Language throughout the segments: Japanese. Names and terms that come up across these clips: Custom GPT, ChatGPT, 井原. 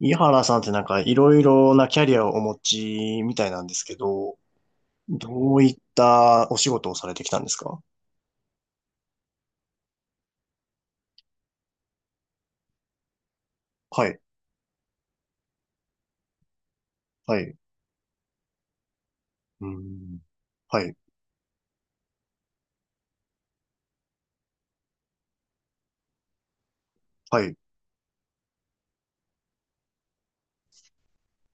井原さんってなんかいろいろなキャリアをお持ちみたいなんですけど、どういったお仕事をされてきたんですか？はい。はい。うん。はい。はい。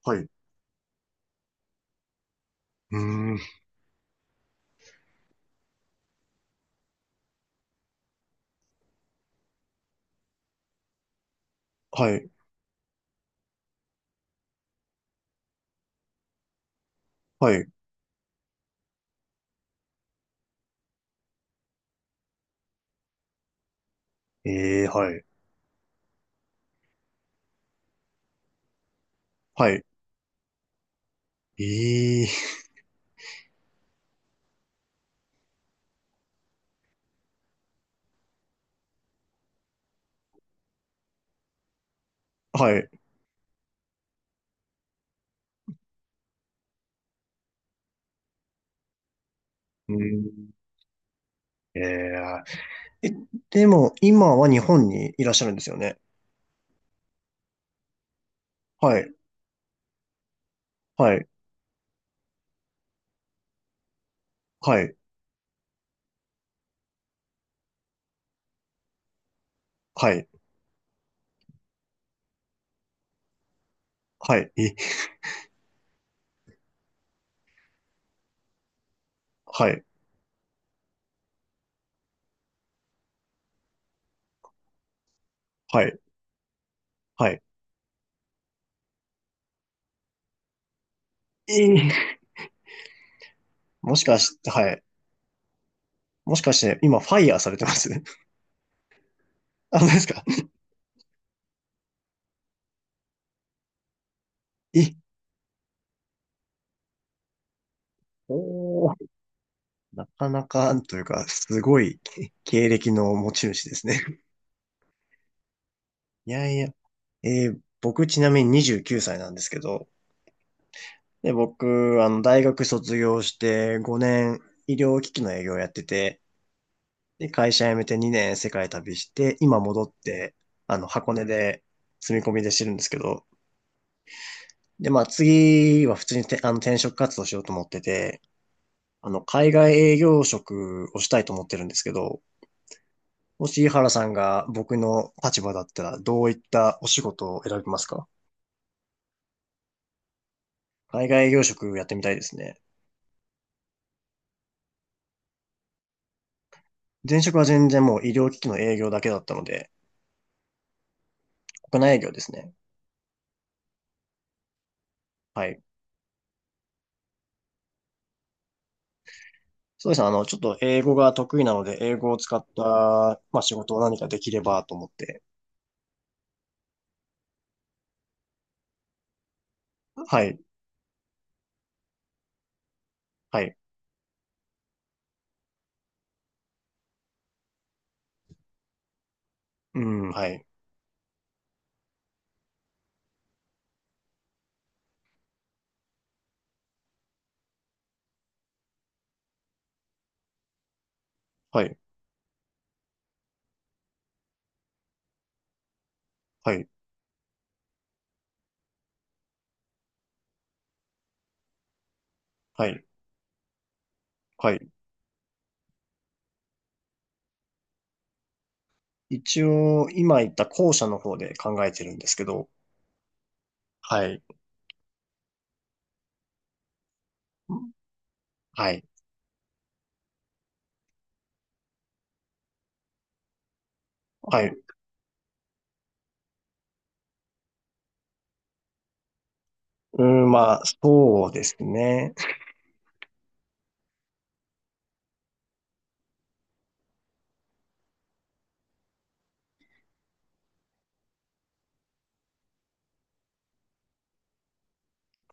はい。うん。はい。はい。えー。はい。はい。えー。はい。うん。えー。え。でも今は日本にいらっしゃるんですよね。はい。はい。はい。はい。はい。え。はい。はい。はい。えー。もしかして、はい、もしかして今ファイヤーされてます？あ、そうですか。え。おー。なかなか、というか、すごいけ経歴の持ち主ですね。いやいや。僕ちなみに29歳なんですけど、で、僕、大学卒業して5年医療機器の営業やってて、で、会社辞めて2年世界旅して、今戻って、箱根で住み込みでしてるんですけど、で、まあ次は普通にて、転職活動しようと思ってて、海外営業職をしたいと思ってるんですけど、もし井原さんが僕の立場だったら、どういったお仕事を選びますか？海外営業職やってみたいですね。前職は全然もう医療機器の営業だけだったので、国内営業ですね。はい。そうですね。ちょっと英語が得意なので、英語を使った、まあ、仕事を何かできればと思って。はい。はい。うん。はい。はい。はい。はい。はい。一応、今言った後者の方で考えてるんですけど、はい。はい。はい。うん、まあ、そうですね。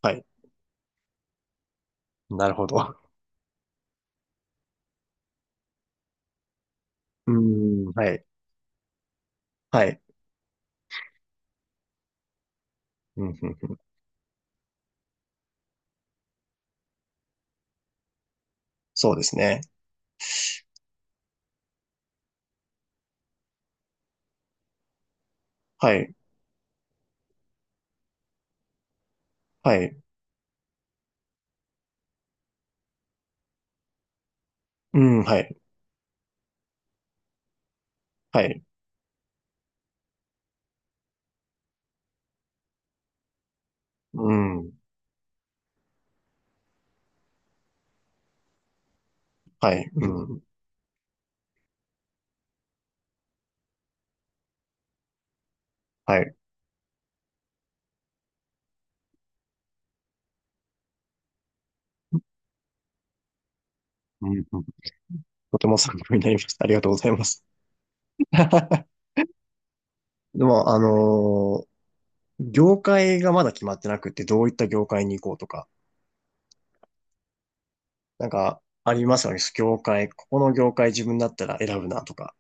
はい。なるほど。うーん。はい。はい。うん、うん、うん。そうですね。はい。はい。うん。はい。はい。うん。はい。うん。はい。うん、うん。とても参考になりました。ありがとうございます。でも、業界がまだ決まってなくて、どういった業界に行こうとか、なんか、ありますよね。業界、ここの業界自分だったら選ぶなとか。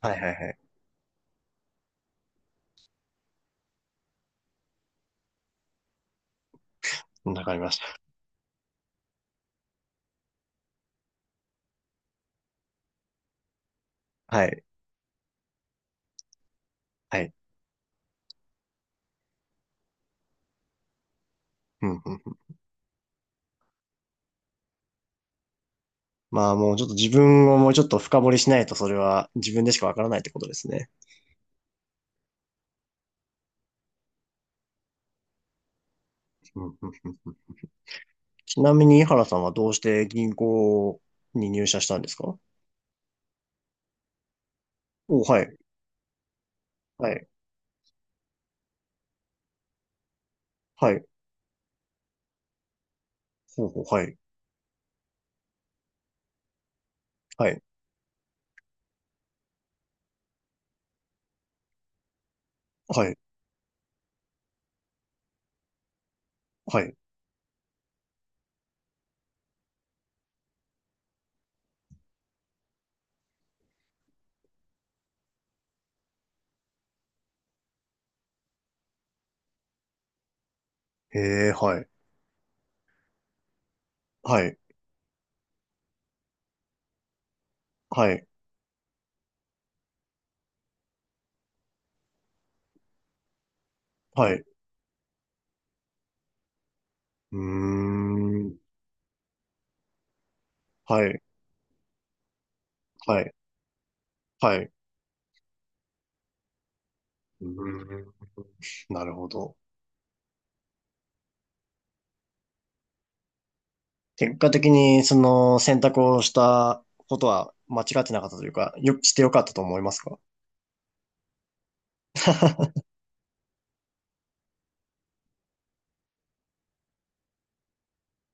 はいはいはい。わかりました。はい。はい。うんうん。まあもうちょっと自分をもうちょっと深掘りしないとそれは自分でしかわからないってことですね。うんうんうん。ちなみに井原さんはどうして銀行に入社したんですか？お。はい。はい。はい。ほうほう。はい。はい。はい。はい。へえ。はい。はい。はい。はい。うーん。はい。はい。はい。うーん。なるほど。結果的にその選択をしたことは間違ってなかったというか、よ、してよかったと思いますか？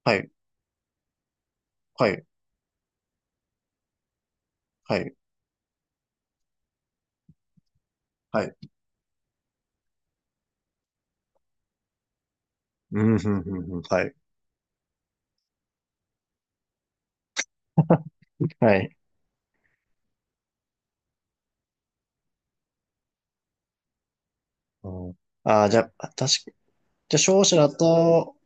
はい。はい。はい。はい。うん。うん。うん。うんはい。はい。うん、ああ、じゃあ、確か、じゃあ、商社だと、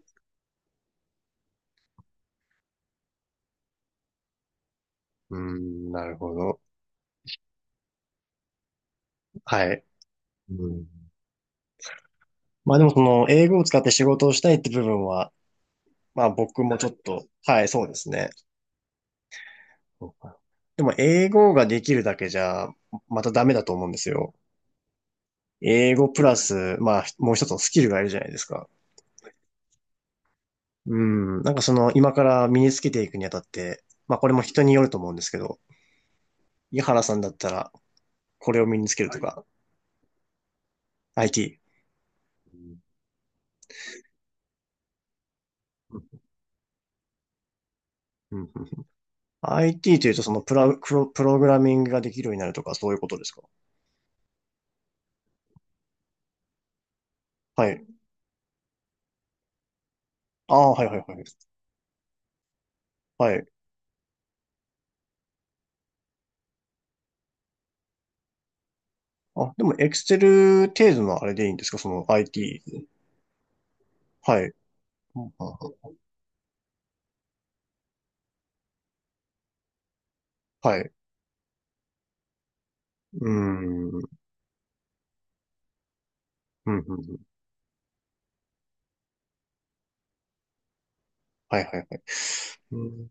うん、なるほど。はい。うん。まあでもその、英語を使って仕事をしたいって部分は、まあ僕もちょっと、はい、そうですね。そうか。でも、英語ができるだけじゃ、またダメだと思うんですよ。英語プラス、まあ、もう一つのスキルがいるじゃないですか。うん。なんかその、今から身につけていくにあたって、まあこれも人によると思うんですけど、井原さんだったら、これを身につけるとか、IT。うんうん IT というと、そのプログラミングができるようになるとか、そういうことですか？はい。ああ、はいはいはい。はい。あ、でも、エクセル程度のあれでいいんですかその IT？はい。うんはい。うーん。うんうんうん。はいはいはい。うん。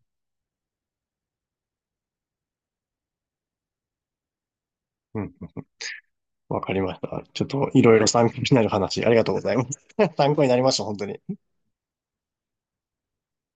うん。わかりました。ちょっと、いろいろ参考になる話、ありがとうございます。参考になりました、本当に。